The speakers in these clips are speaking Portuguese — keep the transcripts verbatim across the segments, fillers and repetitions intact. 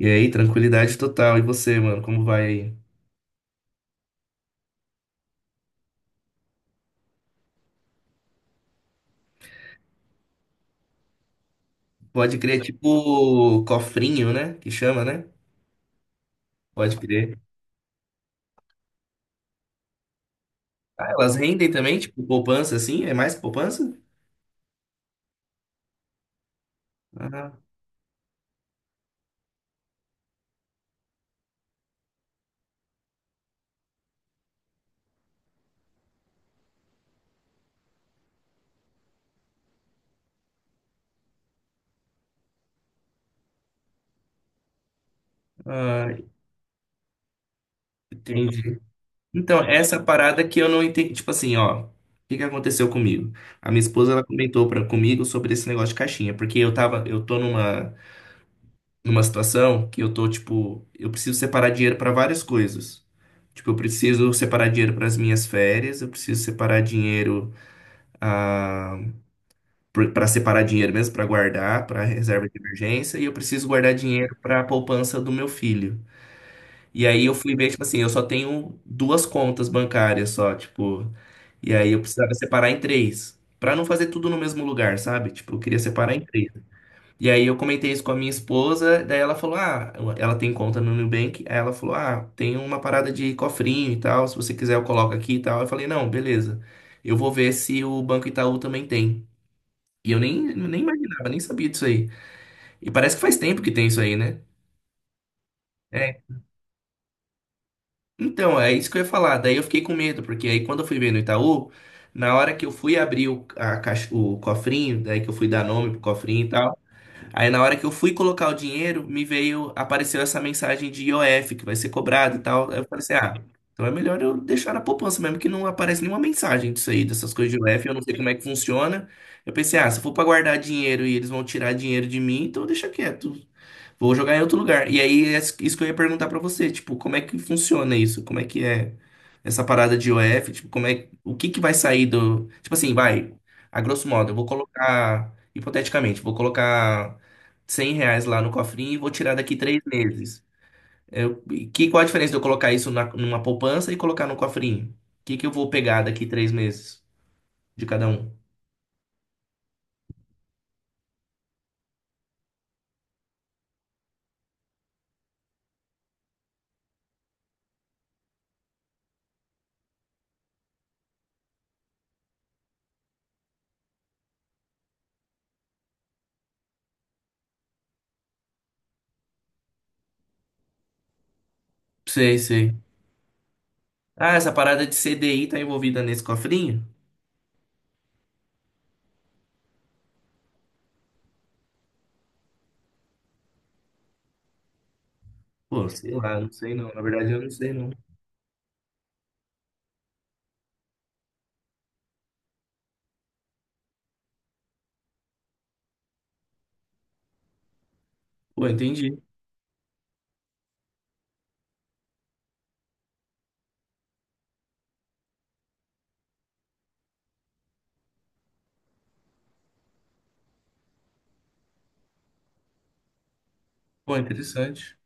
E aí, tranquilidade total. E você, mano, como vai aí? Pode crer, tipo cofrinho, né? Que chama, né? Pode crer. Ah, elas rendem também, tipo poupança, assim? É mais que poupança? Ah, ah, entendi. Então, essa parada que eu não entendi. Tipo assim, ó. O que que aconteceu comigo? A minha esposa, ela comentou pra, comigo sobre esse negócio de caixinha. Porque eu tava, eu tô numa, numa situação que eu tô, tipo, eu preciso separar dinheiro pra várias coisas. Tipo, eu preciso separar dinheiro para as minhas férias, eu preciso separar dinheiro para separar dinheiro mesmo, para guardar, para reserva de emergência, e eu preciso guardar dinheiro para a poupança do meu filho. E aí eu fui ver, tipo assim, eu só tenho duas contas bancárias só, tipo, e aí eu precisava separar em três. Pra não fazer tudo no mesmo lugar, sabe? Tipo, eu queria separar em três. E aí eu comentei isso com a minha esposa, daí ela falou: "Ah, ela tem conta no Nubank". Aí ela falou: "Ah, tem uma parada de cofrinho e tal, se você quiser eu coloco aqui e tal". Eu falei: "Não, beleza. Eu vou ver se o Banco Itaú também tem". E eu nem, nem imaginava, nem sabia disso aí. E parece que faz tempo que tem isso aí, né? É. Então, é isso que eu ia falar. Daí eu fiquei com medo, porque aí quando eu fui ver no Itaú, na hora que eu fui abrir o, a caixa- o cofrinho, daí que eu fui dar nome pro cofrinho e tal, aí na hora que eu fui colocar o dinheiro, me veio, apareceu essa mensagem de I O F, que vai ser cobrado e tal. Aí eu falei assim, ah, então é melhor eu deixar na poupança mesmo, que não aparece nenhuma mensagem disso aí, dessas coisas de I O F, eu não sei como é que funciona. Eu pensei, ah, se for pra guardar dinheiro e eles vão tirar dinheiro de mim, então deixa quieto. Vou jogar em outro lugar. E aí, é isso que eu ia perguntar pra você, tipo, como é que funciona isso? Como é que é essa parada de o f. Tipo, como é, o que que vai sair do, tipo assim, vai, a grosso modo, eu vou colocar, hipoteticamente, vou colocar cem reais lá no cofrinho e vou tirar daqui três meses. Eu, e que, qual a diferença de eu colocar isso na- numa poupança e colocar no cofrinho? O que que eu vou pegar daqui três meses de cada um? Sei, sei. Ah, essa parada de C D I tá envolvida nesse cofrinho? Pô, sei lá, não sei não. Na verdade, eu não sei não. Pô, entendi. Pô, interessante.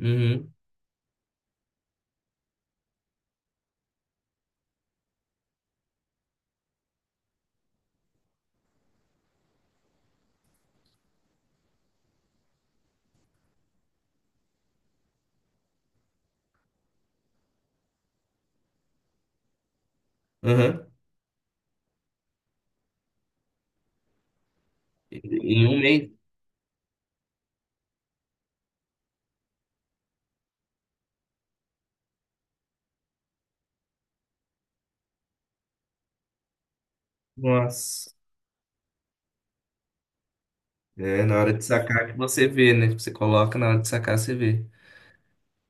Uhum. Uhum. Em um mês. Nossa. É, na hora de sacar que você vê, né? Tipo, você coloca, na hora de sacar você vê.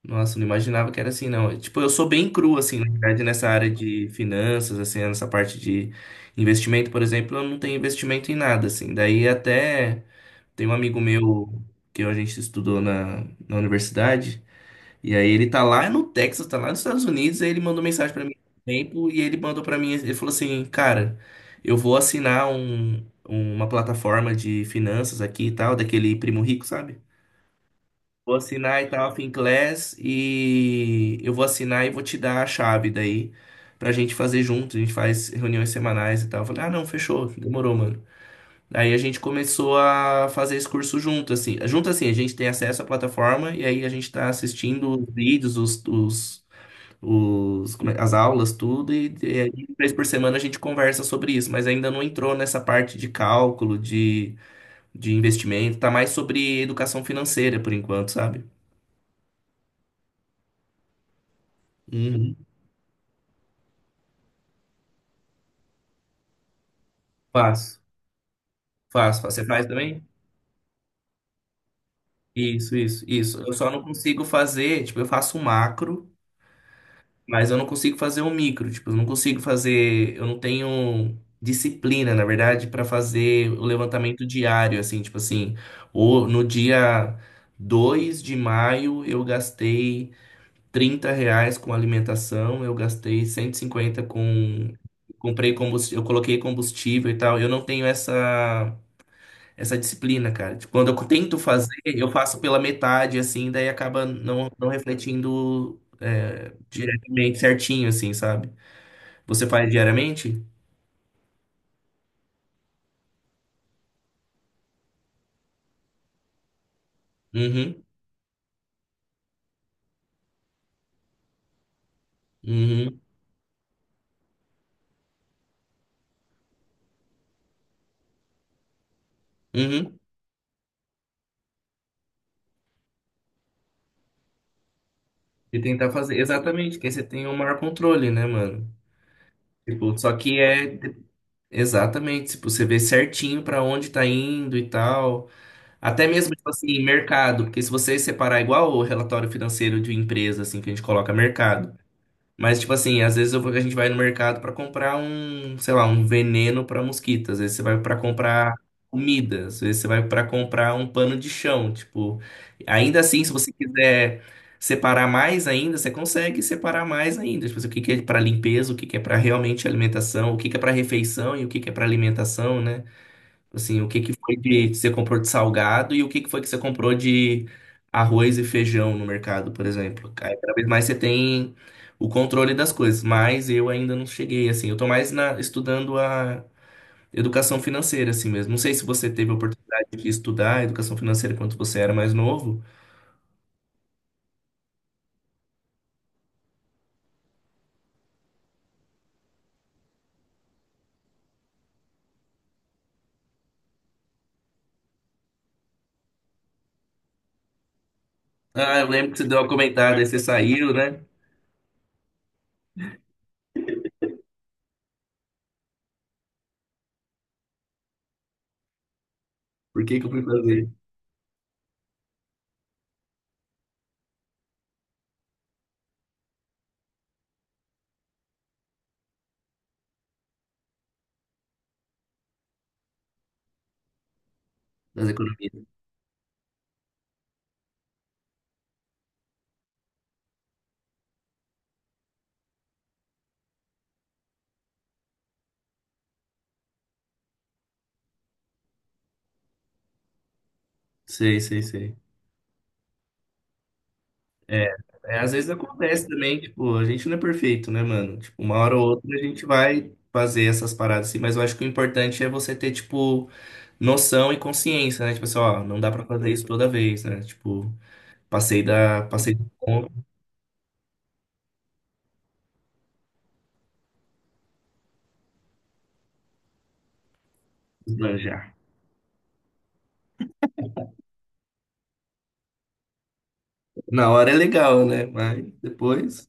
Nossa, eu não imaginava que era assim, não. Tipo, eu sou bem cru, assim, na verdade, nessa área de finanças, assim, nessa parte de investimento, por exemplo, eu não tenho investimento em nada, assim. Daí até tem um amigo meu que a gente estudou na, na universidade. E aí ele tá lá no Texas, tá lá nos Estados Unidos, aí ele mandou mensagem pra mim há um tempo e ele mandou pra mim, ele falou assim, cara, eu vou assinar um, um, uma plataforma de finanças aqui e tal, daquele primo rico, sabe? Vou assinar e tal, Finclass, e eu vou assinar e vou te dar a chave daí pra gente fazer junto, a gente faz reuniões semanais e tal. Eu falei, ah, não, fechou, demorou, mano. Aí a gente começou a fazer esse curso junto, assim. Junto, assim, a gente tem acesso à plataforma e aí a gente tá assistindo os vídeos, os, os, os- como é- as aulas, tudo, e, e aí, três por semana a gente conversa sobre isso, mas ainda não entrou nessa parte de cálculo, de, de investimento, tá mais sobre educação financeira por enquanto, sabe? Uhum. Faço, faço, faço. Você faz também? Isso, isso, isso. Eu só não consigo fazer, tipo, eu faço o macro. Mas eu não consigo fazer um micro, tipo, eu não consigo fazer, eu não tenho disciplina, na verdade, para fazer o levantamento diário, assim, tipo assim, ou no dia dois de maio eu gastei trinta reais com alimentação, eu gastei cento e cinquenta com, comprei combustível, eu coloquei combustível e tal, eu não tenho essa essa disciplina, cara. Tipo, quando eu tento fazer, eu faço pela metade, assim, daí acaba não, não refletindo é, diretamente certinho, assim, sabe? Você faz diariamente? Uhum, uhum, uhum. E tentar fazer. Exatamente, que aí você tem o maior controle, né, mano? Tipo, só que é. Exatamente, tipo, você vê certinho pra onde tá indo e tal. Até mesmo, tipo assim, mercado. Porque se você separar igual o relatório financeiro de empresa, assim, que a gente coloca mercado. Mas, tipo assim, às vezes eu vou- a gente vai no mercado pra comprar um, sei lá, um veneno pra mosquito. Às vezes você vai pra comprar comida. Às vezes você vai pra comprar um pano de chão. Tipo, ainda assim, se você quiser separar mais ainda, você consegue separar mais ainda. Tipo assim, o que que é pra limpeza, o que que é pra realmente alimentação, o que que é pra refeição e o que que é pra alimentação, né? Assim, o que que foi que você comprou de salgado e o que que foi que você comprou de arroz e feijão no mercado, por exemplo. Aí, cada vez mais você tem o controle das coisas, mas eu ainda não cheguei, assim. Eu tô mais na- estudando a educação financeira, assim mesmo. Não sei se você teve a oportunidade de estudar educação financeira quando você era mais novo. Ah, eu lembro que você deu uma comentada, aí você saiu, né? Por que que eu fui fazer das economias? Sei, sei, sei. É, é, às vezes acontece também, tipo, a gente não é perfeito, né, mano? Tipo, uma hora ou outra a gente vai fazer essas paradas assim, mas eu acho que o importante é você ter, tipo, noção e consciência, né? Tipo assim, ó, não dá pra fazer isso toda vez, né? Tipo, passei da, passei do ponto, já. Na hora é legal, né? Mas depois.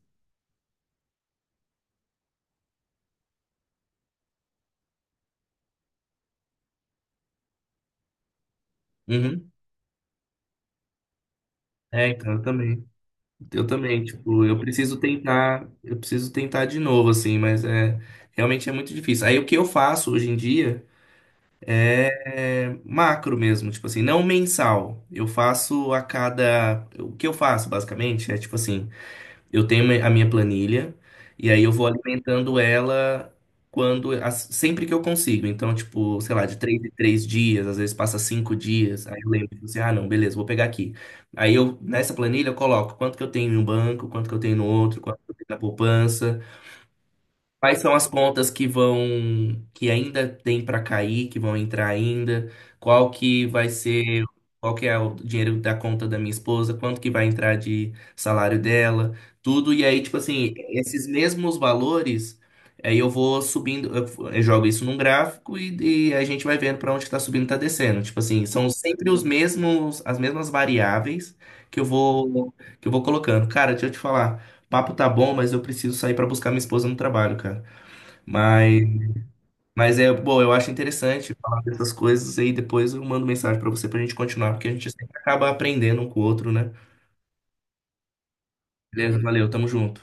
Uhum. É, então eu também. Eu também, tipo, eu preciso tentar, eu preciso tentar de novo, assim, mas é realmente é muito difícil. Aí o que eu faço hoje em dia, é macro mesmo, tipo assim, não mensal. Eu faço a cada. O que eu faço, basicamente, é tipo assim: eu tenho a minha planilha, e aí eu vou alimentando ela quando, as- sempre que eu consigo. Então, tipo, sei lá, de três em três dias, às vezes passa cinco dias. Aí eu lembro, tipo assim, ah, não, beleza, vou pegar aqui. Aí eu, nessa planilha, eu coloco quanto que eu tenho em um banco, quanto que eu tenho no outro, quanto que eu tenho na poupança. Quais são as contas que vão, que ainda tem para cair, que vão entrar ainda? Qual que vai ser, qual que é o dinheiro da conta da minha esposa? Quanto que vai entrar de salário dela? Tudo. E aí, tipo assim, esses mesmos valores, aí eu vou subindo, eu f- eu jogo isso num gráfico e, e a gente vai vendo para onde está subindo, está descendo. Tipo assim, são sempre os mesmos, as mesmas variáveis que eu vou, que eu vou colocando. Cara, deixa eu te falar. Papo tá bom, mas eu preciso sair pra buscar minha esposa no trabalho, cara. Mas, mas é, bom, eu acho interessante falar dessas coisas aí depois eu mando mensagem pra você pra gente continuar, porque a gente sempre acaba aprendendo um com o outro, né? Beleza, valeu, tamo junto.